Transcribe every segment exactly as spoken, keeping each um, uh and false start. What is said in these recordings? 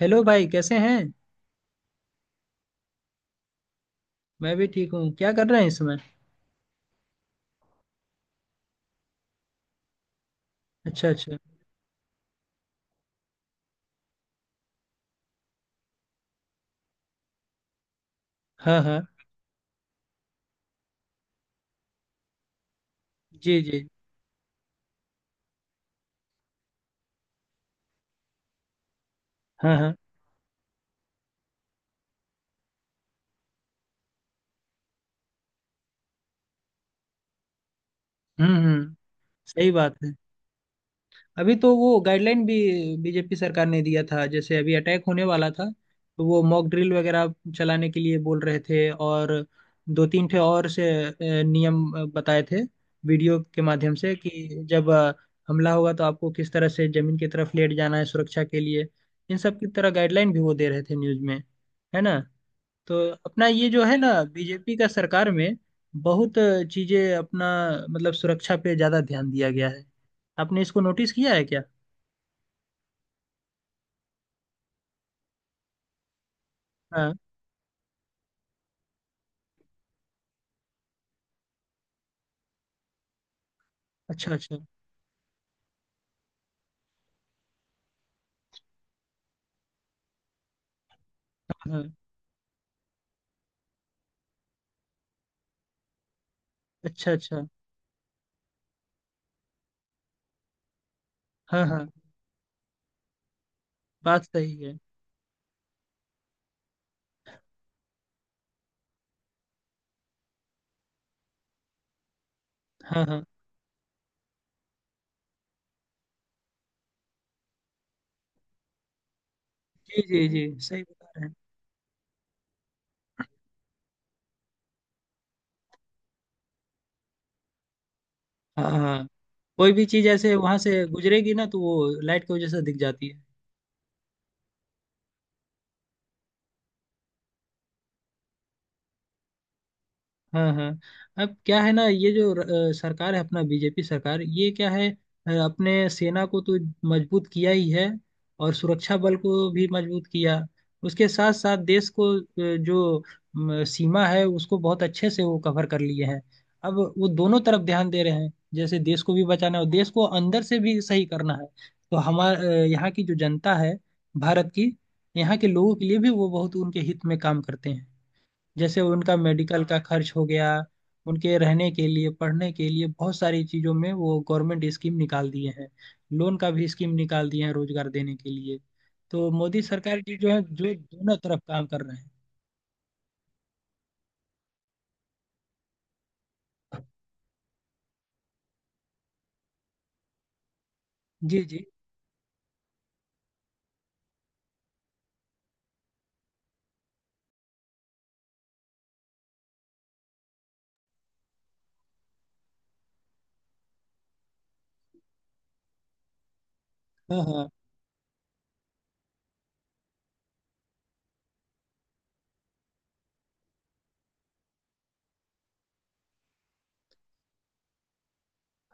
Hello भाई, कैसे हैं? मैं भी ठीक हूँ। क्या कर रहे हैं इस समय? अच्छा अच्छा। हाँ हाँ। जी जी। हाँ हाँ। हम्म हम्म। सही बात है। अभी तो वो गाइडलाइन भी बी जे पी सरकार ने दिया था। जैसे अभी अटैक होने वाला था तो वो मॉक ड्रिल वगैरह चलाने के लिए बोल रहे थे, और दो तीन ठे और से अ, नियम अ, बताए थे वीडियो के माध्यम से। कि जब अ, हमला होगा तो आपको किस तरह से जमीन की तरफ लेट जाना है सुरक्षा के लिए। इन सब की तरह गाइडलाइन भी वो दे रहे थे न्यूज़ में, है ना। तो अपना ये जो है ना, बीजेपी का सरकार में बहुत चीजें अपना मतलब सुरक्षा पे ज्यादा ध्यान दिया गया है। आपने इसको नोटिस किया है क्या? हाँ। अच्छा अच्छा। हाँ, अच्छा अच्छा। हाँ हाँ। बात सही है। हाँ हाँ। जी जी जी, सही बता रहे हैं। हाँ हाँ। कोई भी चीज ऐसे वहां से गुजरेगी ना तो वो लाइट की वजह से दिख जाती है। हाँ हाँ। अब क्या है ना, ये जो अ, सरकार है अपना बीजेपी सरकार, ये क्या है, अ, अपने सेना को तो मजबूत किया ही है, और सुरक्षा बल को भी मजबूत किया। उसके साथ साथ देश को अ, जो म, सीमा है उसको बहुत अच्छे से वो कवर कर लिए हैं। अब वो दोनों तरफ ध्यान दे रहे हैं। जैसे देश को भी बचाना है और देश को अंदर से भी सही करना है। तो हमारे यहाँ की जो जनता है, भारत की, यहाँ के लोगों के लिए भी वो बहुत उनके हित में काम करते हैं। जैसे उनका मेडिकल का खर्च हो गया, उनके रहने के लिए, पढ़ने के लिए, बहुत सारी चीज़ों में वो गवर्नमेंट स्कीम निकाल दिए हैं। लोन का भी स्कीम निकाल दिए हैं रोजगार देने के लिए। तो मोदी सरकार जी जो है जो दोनों तरफ काम कर रहे हैं। जी जी। हाँ हाँ।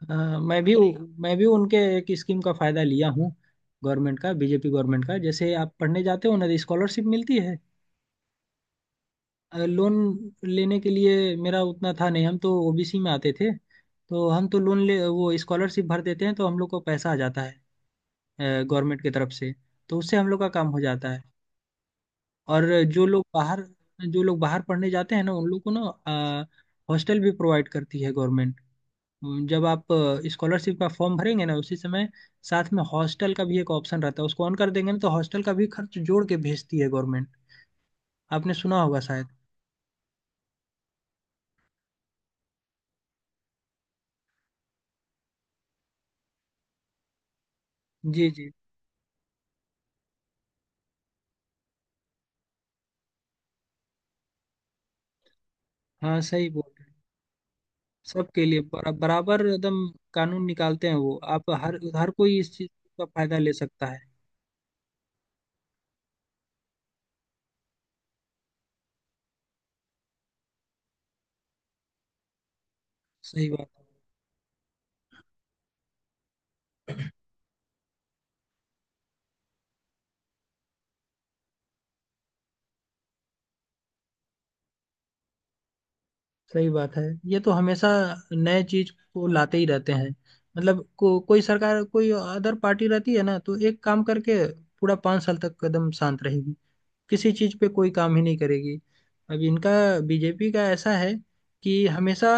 हाँ, मैं भी, मैं भी उनके एक स्कीम का फायदा लिया हूँ। गवर्नमेंट का, बीजेपी गवर्नमेंट का। जैसे आप पढ़ने जाते हो ना, स्कॉलरशिप मिलती है। लोन लेने के लिए मेरा उतना था नहीं, हम तो ओ बी सी में आते थे। तो हम तो लोन ले, वो स्कॉलरशिप भर देते हैं तो हम लोग को पैसा आ जाता है गवर्नमेंट की तरफ से। तो उससे हम लोग का काम हो जाता है। और जो लोग बाहर जो लोग बाहर पढ़ने जाते हैं ना उन लोग को ना हॉस्टल भी प्रोवाइड करती है गवर्नमेंट। जब आप स्कॉलरशिप का फॉर्म भरेंगे ना, उसी समय साथ में हॉस्टल का भी एक ऑप्शन रहता है। उसको ऑन कर देंगे ना तो हॉस्टल का भी खर्च जोड़ के भेजती है गवर्नमेंट। आपने सुना होगा शायद। जी जी। हाँ, सही बोल। सबके लिए बरा, बराबर एकदम कानून निकालते हैं। वो आप हर हर कोई इस चीज का फायदा ले सकता है। सही बात है। सही बात है। ये तो हमेशा नए चीज को लाते ही रहते हैं। मतलब को, कोई सरकार, कोई अदर पार्टी रहती है ना, तो एक काम करके पूरा पाँच साल तक एकदम शांत रहेगी, किसी चीज पे कोई काम ही नहीं करेगी। अब इनका, बीजेपी का ऐसा है कि हमेशा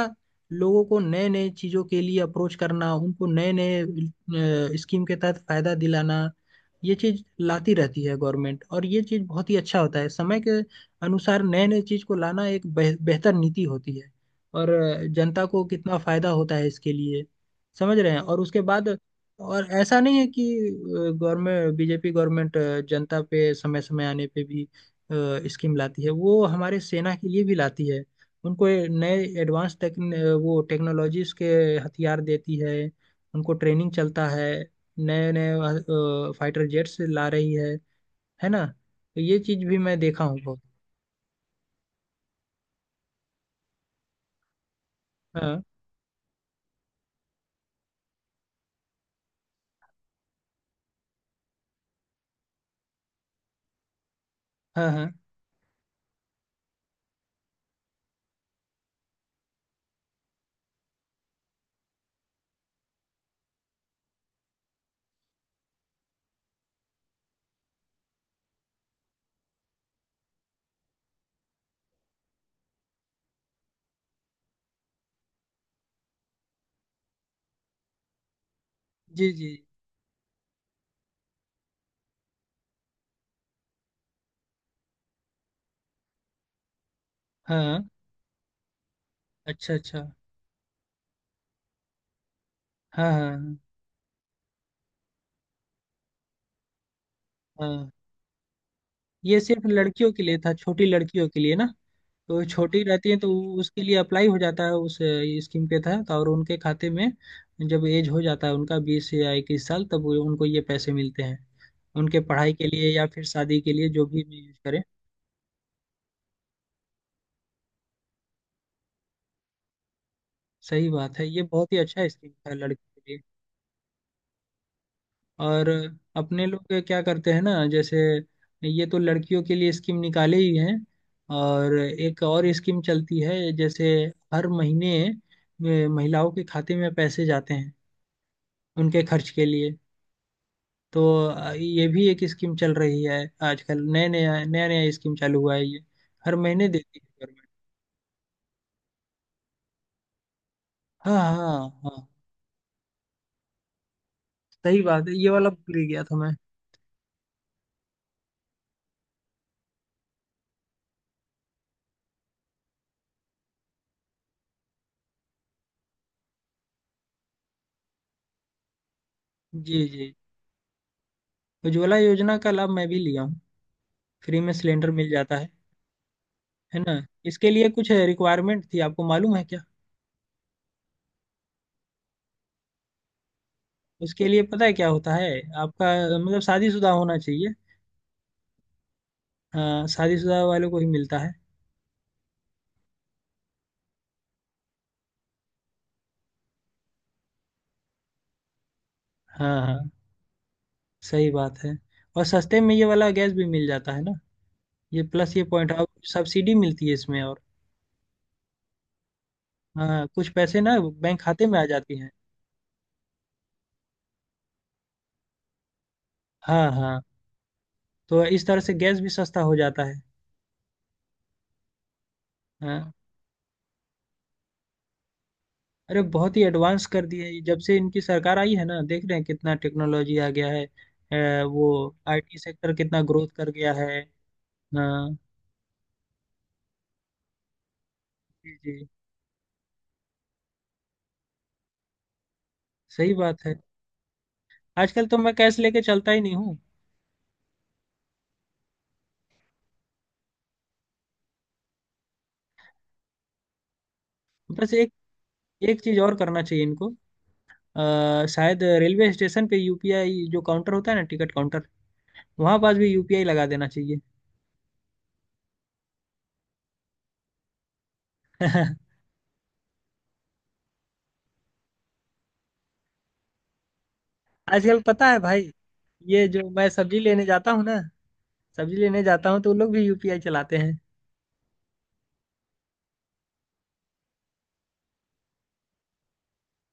लोगों को नए नए चीजों के लिए अप्रोच करना, उनको नए नए स्कीम के तहत फायदा दिलाना, ये चीज लाती रहती है गवर्नमेंट। और ये चीज बहुत ही अच्छा होता है। समय के अनुसार नए नए चीज को लाना एक बेह- बेहतर नीति होती है। और अ, जनता को कितना फायदा होता है इसके लिए, समझ रहे हैं। और उसके बाद, और ऐसा नहीं है कि गवर्नमेंट, बीजेपी गवर्नमेंट जनता पे समय समय आने पे भी स्कीम लाती है, वो हमारे सेना के लिए भी लाती है। उनको ये नए एडवांस टेक, वो टेक्नोलॉजीज के हथियार देती है। उनको ट्रेनिंग चलता है। नए नए फाइटर जेट्स ला रही है है ना। तो ये चीज भी मैं देखा हूँ बहुत। हाँ हाँ। हाँ। जी जी। हाँ। अच्छा अच्छा। हाँ हाँ। हाँ हाँ। ये सिर्फ लड़कियों के लिए था, छोटी लड़कियों के लिए ना। तो छोटी रहती है तो उसके लिए अप्लाई हो जाता है उस अ, स्कीम के तहत। और उनके खाते में जब एज हो जाता है उनका बीस या इक्कीस साल, तब वो- उनको ये पैसे मिलते हैं, उनके पढ़ाई के लिए या फिर शादी के लिए, जो भी भी यूज करें। सही बात है, ये बहुत ही अच्छा स्कीम है लड़कियों के लिए। और अपने लोग क्या करते हैं ना, जैसे ये तो लड़कियों के लिए स्कीम निकाले ही हैं, और एक और स्कीम चलती है, जैसे हर महीने अ, महिलाओं के खाते में पैसे जाते हैं उनके खर्च के लिए। तो अ, ये भी एक स्कीम चल रही है। आजकल नया नया नया नया स्कीम चालू हुआ है ये, हर महीने देती है गवर्नमेंट। हाँ हाँ हाँ। सही बात है, ये वाला भूल ही गया था मैं। जी जी। उज्ज्वला योजना का लाभ मैं भी लिया हूँ। फ्री में सिलेंडर मिल जाता है है ना। इसके लिए कुछ रिक्वायरमेंट थी, आपको मालूम है क्या? उसके लिए पता है क्या होता है, आपका मतलब शादीशुदा होना चाहिए। हाँ, शादीशुदा वालों को ही मिलता है। हाँ हाँ। सही बात है। और सस्ते में ये वाला गैस भी मिल जाता है ना, ये प्लस ये पॉइंट, और सब्सिडी मिलती है इसमें। और हाँ, कुछ पैसे ना बैंक खाते में आ जाती हैं। हाँ हाँ। तो इस तरह से गैस भी सस्ता हो जाता है। हाँ। अरे बहुत ही एडवांस कर दिए है ये। जब से इनकी सरकार आई है ना, देख रहे हैं कितना टेक्नोलॉजी आ गया है। अ, वो आई टी सेक्टर कितना ग्रोथ कर गया है। हाँ। जी जी। सही बात है। आजकल तो मैं कैश लेके चलता ही नहीं हूँ। बस एक, एक चीज और करना चाहिए इनको। अ, शायद रेलवे स्टेशन पे यू पी आई, जो काउंटर होता है ना टिकट काउंटर, वहाँ पास भी यूपीआई लगा देना चाहिए। आजकल पता है भाई, ये जो मैं सब्जी लेने जाता हूँ ना, सब्जी लेने जाता हूँ तो वो लोग भी यूपीआई चलाते हैं।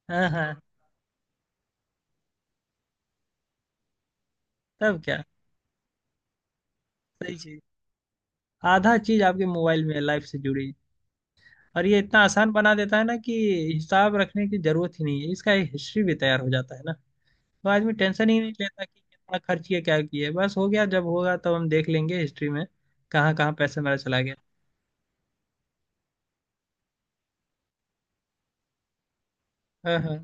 हाँ हाँ। तब क्या? सही चीज। आधा चीज आपके मोबाइल में लाइफ से जुड़ी है, और ये इतना आसान बना देता है ना कि हिसाब रखने की जरूरत ही नहीं है, इसका एक हिस्ट्री भी तैयार हो जाता है ना। तो आदमी टेंशन ही नहीं लेता कि कितना खर्च किया, क्या किया, बस हो गया, जब होगा तब हम देख लेंगे हिस्ट्री में, कहाँ कहाँ पैसे मेरा चला गया। हाँ हाँ।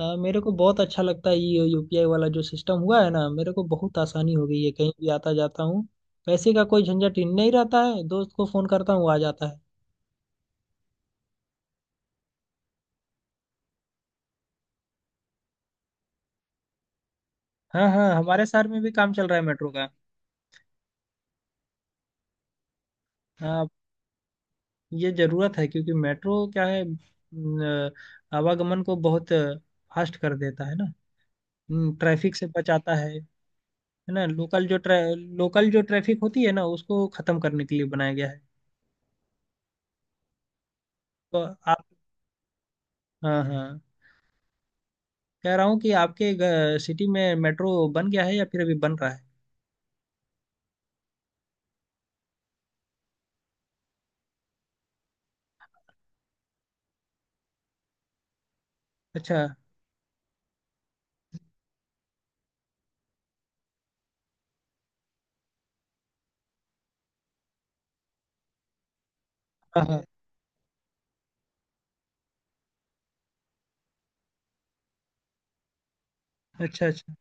आ, मेरे को बहुत अच्छा लगता है ये यूपीआई वाला जो सिस्टम हुआ है ना, मेरे को बहुत आसानी हो गई है। कहीं भी आता जाता हूँ, पैसे का कोई झंझट ही नहीं रहता है, दोस्त को फोन करता हूँ, आ जाता है। हाँ हाँ, हमारे शहर में भी काम चल रहा है मेट्रो का। हाँ, ये जरूरत है, क्योंकि मेट्रो क्या है न, आवागमन को बहुत फास्ट कर देता है ना, ट्रैफिक से बचाता है। है ना, लोकल जो ट्रै लोकल जो ट्रैफिक होती है ना, उसको खत्म करने के लिए बनाया गया है। तो आप, हाँ हाँ, कह रहा हूँ कि आपके ग- सिटी में मेट्रो बन गया है या फिर अभी बन रहा है? अच्छा। हाँ हाँ। अच्छा अच्छा।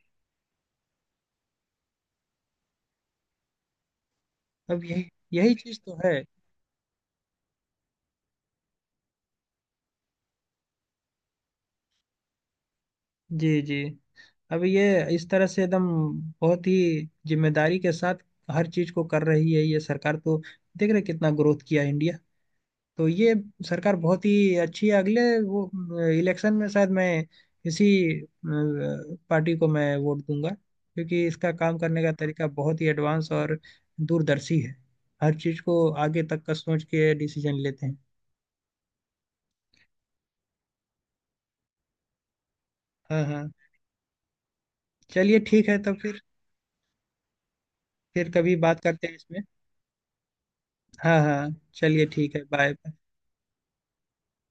अब यही, यही चीज़ तो है। जी जी। अब ये इस तरह से एकदम बहुत ही जिम्मेदारी के साथ हर चीज़ को कर रही है ये सरकार तो। देख रहे हैं कितना ग्रोथ किया इंडिया। तो ये सरकार बहुत ही अच्छी है। अगले वो इलेक्शन में शायद मैं इसी अ, पार्टी को मैं वोट दूंगा, क्योंकि इसका काम करने का तरीका बहुत ही एडवांस और दूरदर्शी है। हर चीज को आगे तक का सोच के डिसीजन लेते हैं। हाँ हाँ। चलिए ठीक है, तो फिर फिर कभी बात करते हैं इसमें। हाँ हाँ। चलिए ठीक है, बाय।